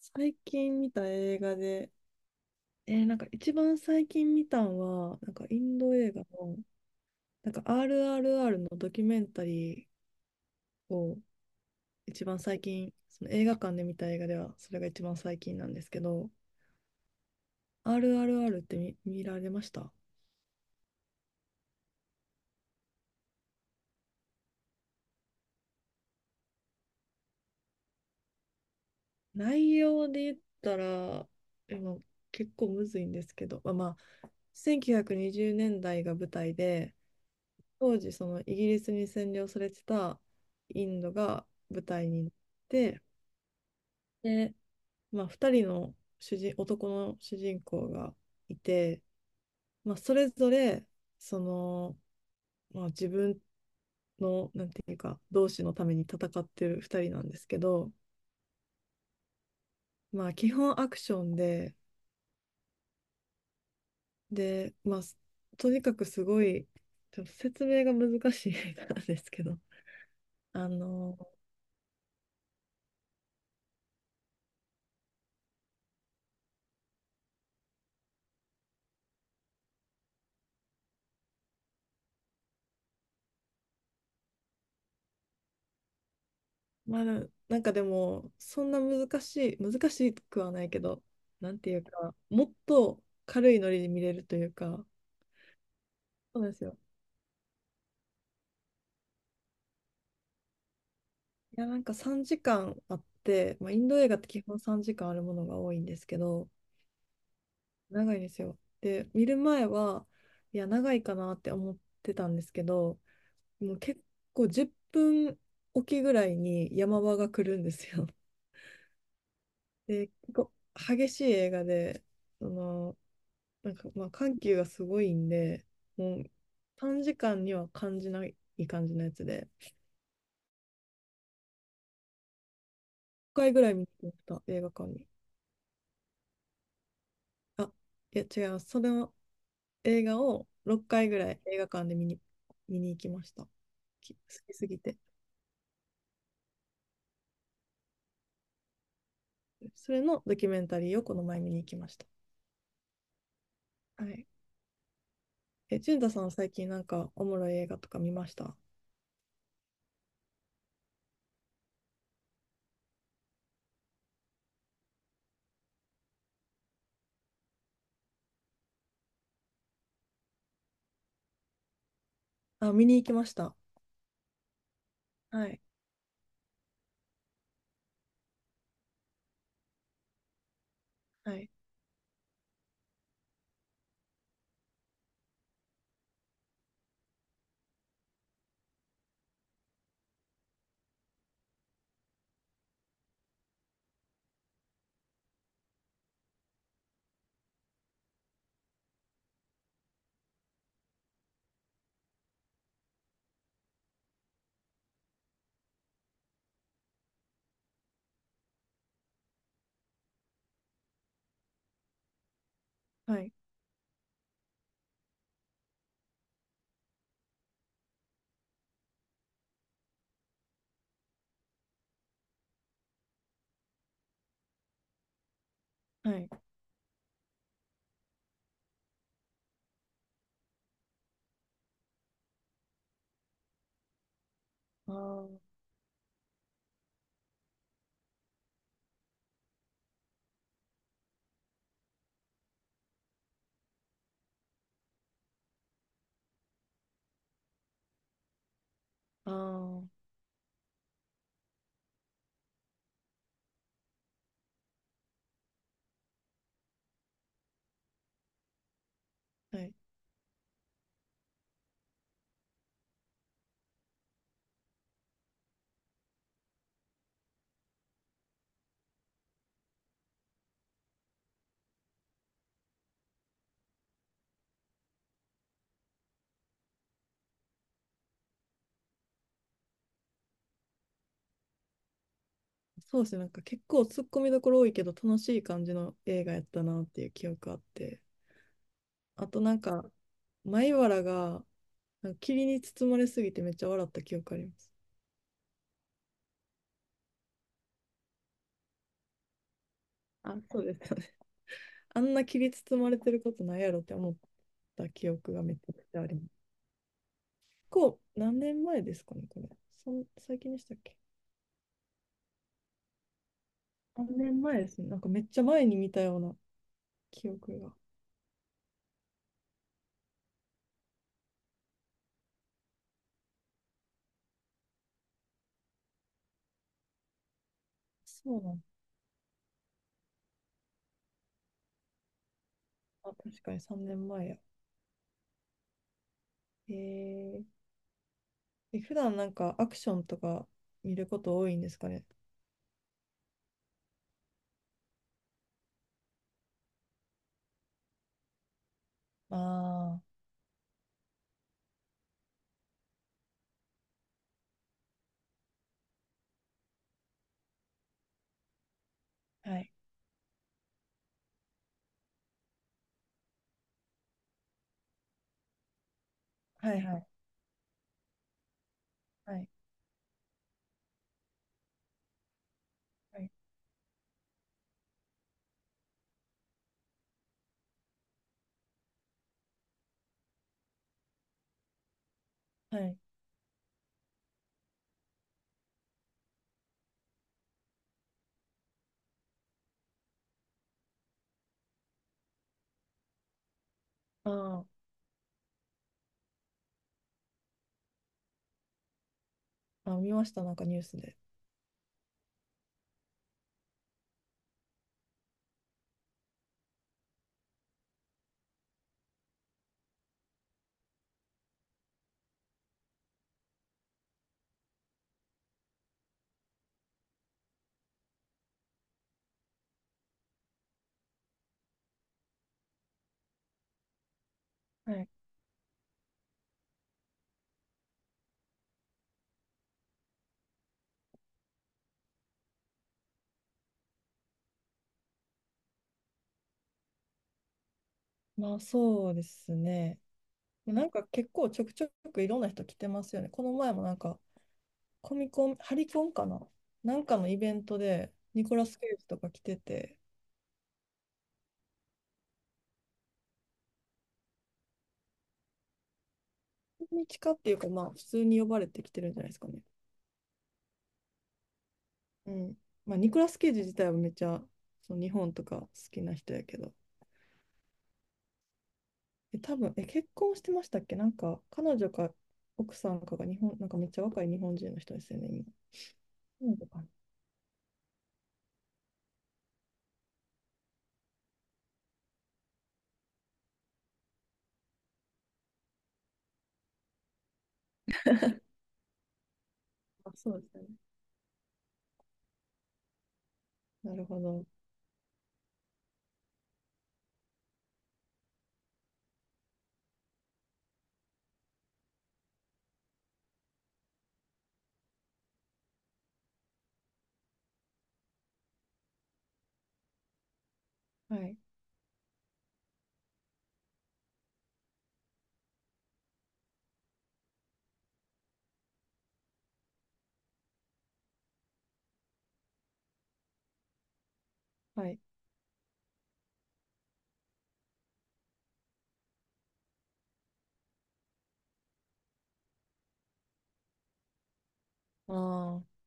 最近見た映画で、なんか一番最近見たんは、なんかインド映画の、なんか RRR のドキュメンタリーを一番最近、その映画館で見た映画では、それが一番最近なんですけど、RRR って見られました？内容で言ったら、でも結構むずいんですけど、まあ、1920年代が舞台で、当時そのイギリスに占領されてたインドが舞台になって。で、まあ、2人の男の主人公がいて、まあ、それぞれその、まあ、自分のなんていうか同志のために戦ってる2人なんですけど、まあ、基本アクションで、で、まあ、とにかくすごいちょっと説明が難しい映画なんですけど。あの、まあ、なんかでもそんな難しい、難しくはないけど、なんていうかもっと軽いノリで見れるというか。そうなんですよ。いや、なんか3時間あって、まあ、インド映画って基本3時間あるものが多いんですけど、長いんですよ。で、見る前は、いや、長いかなって思ってたんですけど、もう結構10分おきぐらいに山場が来るんですよ。で、結構激しい映画で、その、なんかまあ緩急がすごいんで、もう3時間には感じない感じのやつで、5回ぐらい見てました、映画館に。あ、いや、違います。それは映画を6回ぐらい映画館で見に行きました。好きすぎて。それのドキュメンタリーをこの前見に行きました。はい。え、淳太さんは最近なんかおもろい映画とか見ました？あ、見に行きました。はい。はい。はい。はい。あー。あー。はい。そうですね。なんか結構突っ込みどころ多いけど楽しい感じの映画やったなっていう記憶あって。あとなんか、米原がなんか霧に包まれすぎてめっちゃ笑った記憶あります。あ、そうです。あんな霧包まれてることないやろって思った記憶がめちゃくちゃあります。こう、何年前ですかね、これ。そん最近でしたっけ ?3 年前ですね。なんかめっちゃ前に見たような記憶が。そうなんだ。あ、確かに3年前や。えー、え普段なんかアクションとか見ること多いんですかね？ああ。はい。はい、はい、はい、はい、はい。あー。あ、見ました、なんかニュースで。はい。まあそうですね。なんか結構ちょくちょくいろんな人来てますよね。この前もなんかコミコン、ハリコンかな、なんかのイベントでニコラス・ケイジとか来てて、何日かっていうかまあ普通に呼ばれてきてるんじゃないですかね。うん。まあニコラス・ケイジ自体はめっちゃその日本とか好きな人やけど、多分、結婚してましたっけ、なんか彼女か奥さんかが日本、なんかめっちゃ若い日本人の人ですよね、今。彼女かな。あ、そうですよね。なるほど。はい。はい。ああ。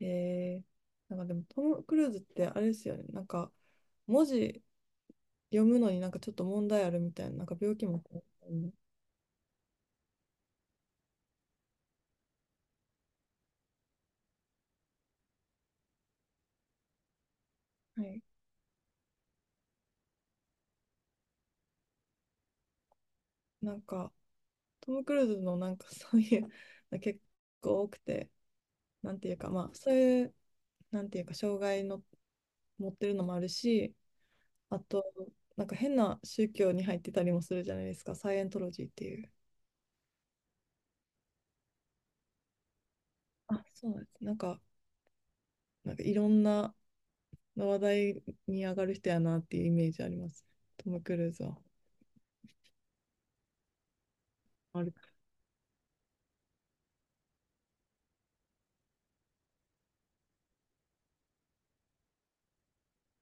えー、なんかでもトム・クルーズってあれですよね。なんか文字読むのになんかちょっと問題あるみたいな、なんか病気も。はい。なんかトム・クルーズのなんかそういうの結構多くて、なんていうかまあそういう、なんていうか障害の持ってるのもあるし、あとなんか変な宗教に入ってたりもするじゃないですか、サイエントロジーっていう。あ、そうなんです。なんか、なんかいろんな話題に上がる人やなっていうイメージあります、トム・クルーズは。ある